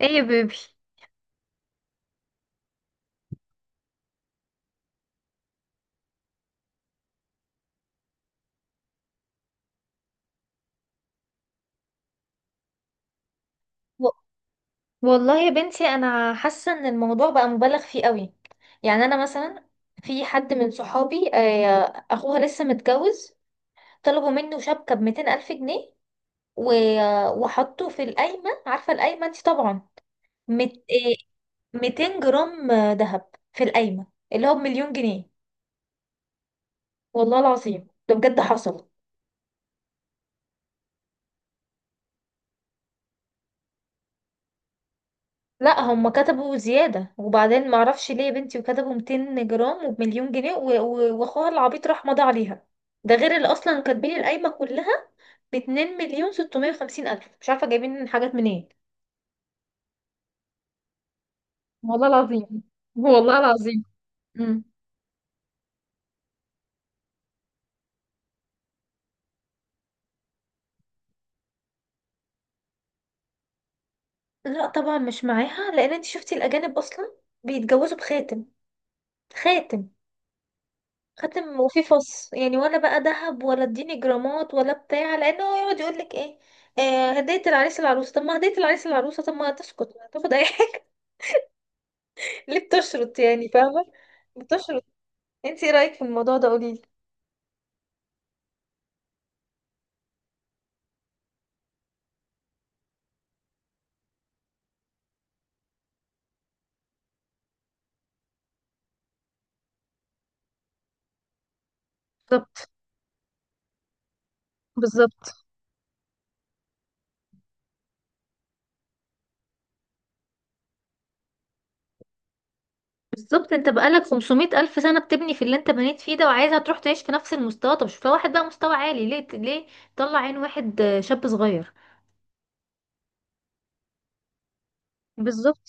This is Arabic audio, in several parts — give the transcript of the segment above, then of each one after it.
ايه يا بيبي. و- والله يا بنتي انا حاسه ان الموضوع بقى مبالغ فيه قوي. يعني انا مثلا في حد من صحابي، اخوها لسه متجوز. طلبوا منه شبكه ب 200 الف جنيه، وحطوا في القايمه. عارفه القايمه دي طبعا. مت- آه، 200 جرام ذهب في القايمه اللي هو بمليون جنيه. والله العظيم ده بجد حصل. لا، هم كتبوا زيادة وبعدين معرفش ليه يا بنتي، وكتبوا 200 جرام وبمليون جنيه، واخوها العبيط راح مضى عليها. ده غير اللي اصلا كاتبين القايمة كلها ب 2,650,000، مش عارفة جايبين حاجات منين. والله العظيم، والله العظيم. مم. لا طبعا مش معاها، لان انت شفتي الاجانب اصلا بيتجوزوا بخاتم. خاتم، خاتم وفيه فص يعني، ولا بقى ذهب ولا اديني جرامات ولا بتاع، لان هو يقعد يقول لك ايه؟ آه هدية العريس العروسة. طب ما هدية العريس العروسة، طب ما تسكت ما تاخد اي حاجة. ليه بتشرط يعني، فاهمة؟ بتشرط. انت ايه رأيك في الموضوع ده؟ قوليلي. بالظبط، بالظبط، بالظبط. انت بقالك 500 ألف سنة بتبني في اللي انت بنيت فيه ده، وعايزها تروح تعيش في نفس المستوى. طب شوف لها واحد بقى مستوى عالي، ليه؟ ليه؟ طلع عين واحد شاب صغير. بالظبط.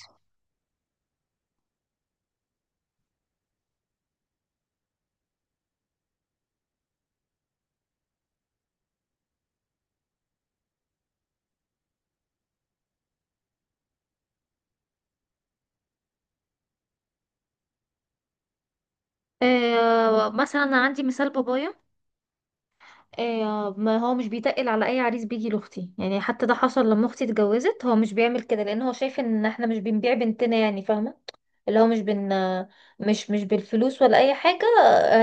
آه مثلا انا عندي مثال بابايا. ما هو مش بيتقل على اي عريس بيجي لاختي، يعني حتى ده حصل لما اختي اتجوزت، هو مش بيعمل كده لان هو شايف ان احنا مش بنبيع بنتنا، يعني فاهمه. اللي هو مش بن مش بالفلوس ولا اي حاجه.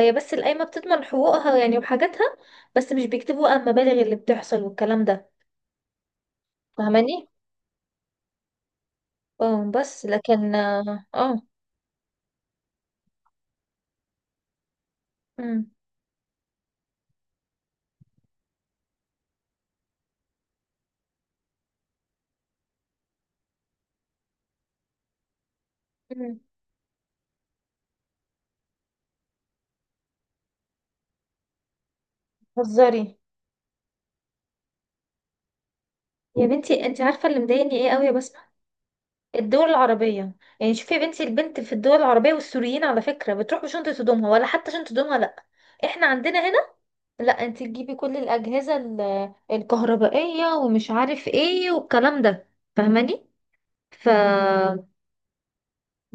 هي بس القايمه بتضمن حقوقها يعني، وحاجاتها. بس مش بيكتبوا بقى المبالغ اللي بتحصل والكلام ده، فاهماني؟ اه بس لكن اه. مم، مم. بتهزري؟ يا بنتي انت عارفه اللي مضايقني ايه قوي يا بسمه؟ الدول العربية. يعني شوفي يا بنتي، البنت في الدول العربية والسوريين على فكرة بتروح بشنطة هدومها، ولا حتى شنطة هدومها لأ. احنا عندنا هنا، لأ انت تجيبي كل الأجهزة الكهربائية ومش عارف ايه والكلام ده، فاهماني؟ ف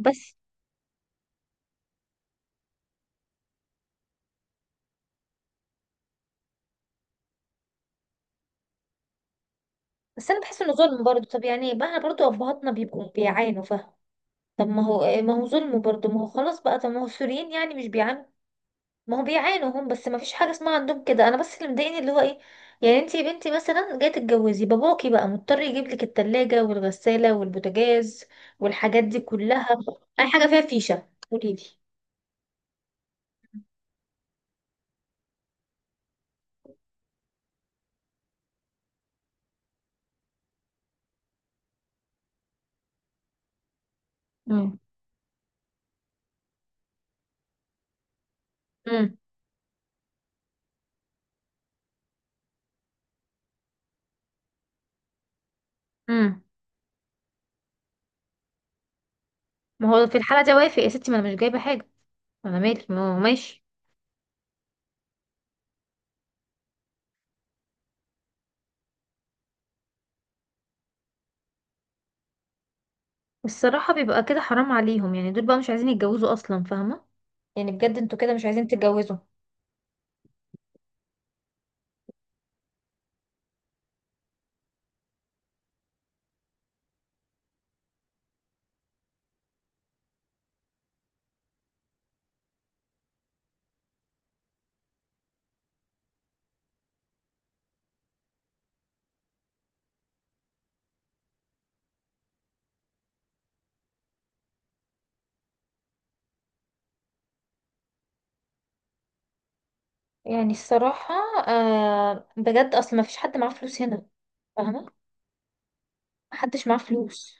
بس. بس انا بحس انه ظلم برضه، طب يعني بقى برضه ابهاتنا بيبقوا بيعانوا، فاهم؟ طب ما هو ظلم برضه، ما هو خلاص بقى. طب ما هو السوريين يعني مش بيعانوا؟ ما هو بيعانوا هم، بس ما فيش حاجه اسمها عندهم كده. انا بس اللي مضايقني اللي هو ايه، يعني انتي يا بنتي مثلا جاي تتجوزي، باباكي بقى مضطر يجيب لك التلاجة والغسالة والبوتاجاز والحاجات دي كلها. اي حاجه فيها فيشه قولي لي. مم. امم، امم. ما هو في الحاله دي وافق يا ستي، ما انا مش جايبه حاجه. انا مالي، ما هو ماشي. الصراحه بيبقى كده، حرام عليهم، يعني دول بقى مش عايزين يتجوزوا اصلا، فاهمه؟ يعني بجد انتوا كده مش عايزين تتجوزوا. يعني الصراحه بجد اصلا ما فيش حد معاه فلوس هنا، فاهمه؟ محدش معاه فلوس.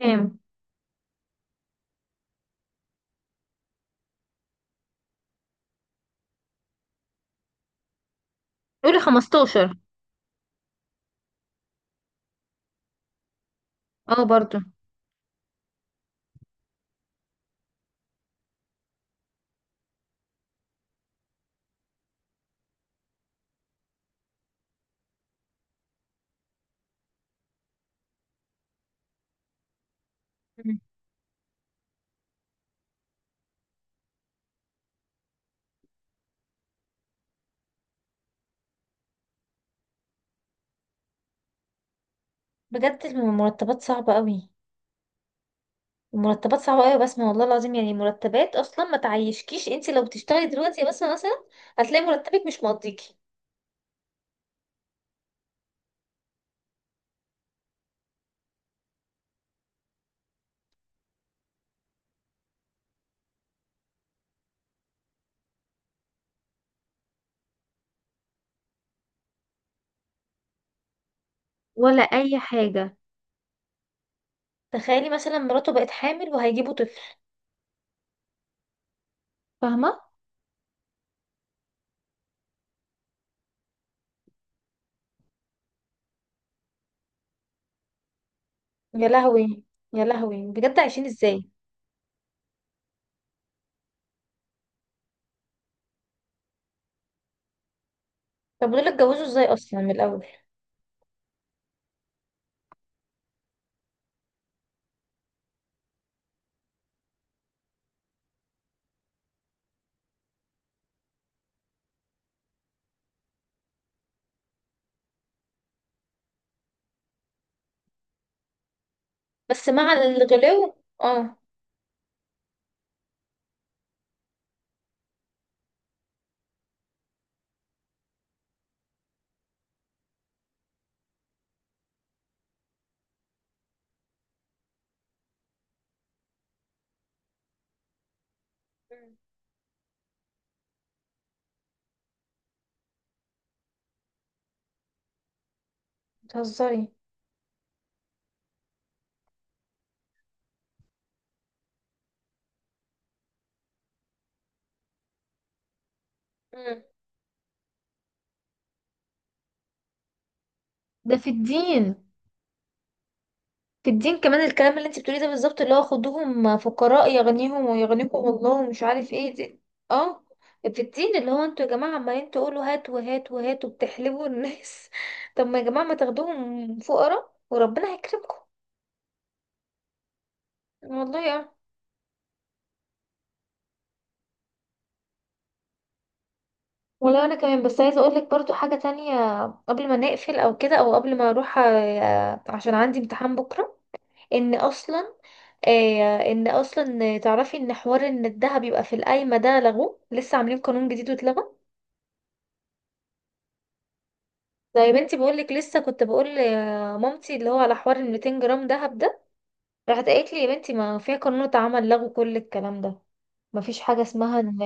كام؟ قولي 15. اه، برضو. مم. بجد المرتبات صعبة قوي، المرتبات صعبة قوي يا بسمة. والله العظيم، يعني مرتبات اصلا ما تعيشكيش، انت لو بتشتغلي دلوقتي يا بسمة مثلا، هتلاقي مرتبك مش مقضيكي ولا اي حاجة. تخيلي مثلا مراته بقت حامل وهيجيبوا طفل، فاهمة؟ يا لهوي، يا لهوي، بجد عايشين ازاي؟ طب ودول اتجوزوا ازاي اصلا من الاول؟ بس مع الغلو. اه. مم. بتهزري؟ مم. ده في الدين. في الدين كمان الكلام اللي انت بتقوليه ده، بالظبط اللي هو خدوهم فقراء يغنيهم، ويغنيكم الله، ومش عارف ايه دي. اه. في الدين اللي هو انتوا يا جماعة عمالين تقولوا هات وهات وهات، وبتحلبوا الناس. طب ما يا جماعة، ما تاخدوهم فقراء وربنا هيكرمكم. والله، اه. والله انا كمان، بس عايزه اقول لك برضو حاجه تانية قبل ما نقفل او كده، او قبل ما اروح، عشان عندي امتحان بكره. ان اصلا، ان اصلا تعرفي ان حوار ان الذهب يبقى في القايمه ده لغوه، لسه عاملين قانون جديد واتلغى. طيب بنتي، بقول لك لسه كنت بقول لمامتي اللي هو على حوار ال 200 جرام دهب ده، راحت قالت لي يا بنتي ما في قانون اتعمل لغوا كل الكلام ده، ما فيش حاجه اسمها ان.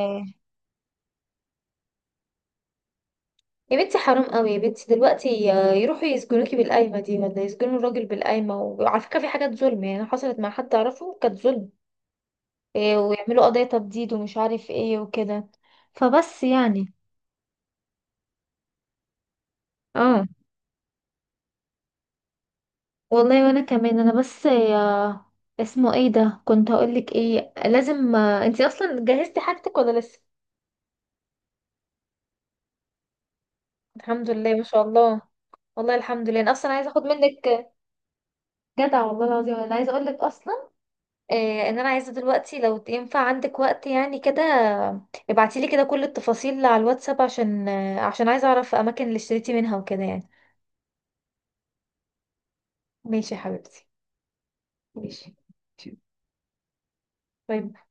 يا بنتي حرام قوي يا بنتي دلوقتي، يروحوا يسجنوكي بالقايمه دي، ولا يسجنوا الراجل بالقايمه، وعلى فكره في حاجات ظلم يعني حصلت مع حد اعرفه كانت ظلم. إيه، ويعملوا قضيه تبديد ومش عارف ايه وكده، فبس يعني. اه. والله وانا كمان، انا بس يا، اسمه ايه ده، كنت هقولك ايه، لازم انتي اصلا جهزتي حاجتك ولا لسه؟ الحمد لله، ما شاء الله. والله الحمد لله، انا اصلا عايزه اخد منك، جدع والله العظيم، انا عايزه اقولك اصلا، إيه، ان انا عايزه دلوقتي لو ينفع عندك وقت يعني كده، ابعتيلي كده كل التفاصيل على الواتساب، عشان عشان عايزه اعرف اماكن اللي اشتريتي منها وكده يعني. ماشي يا حبيبتي. ماشي. باي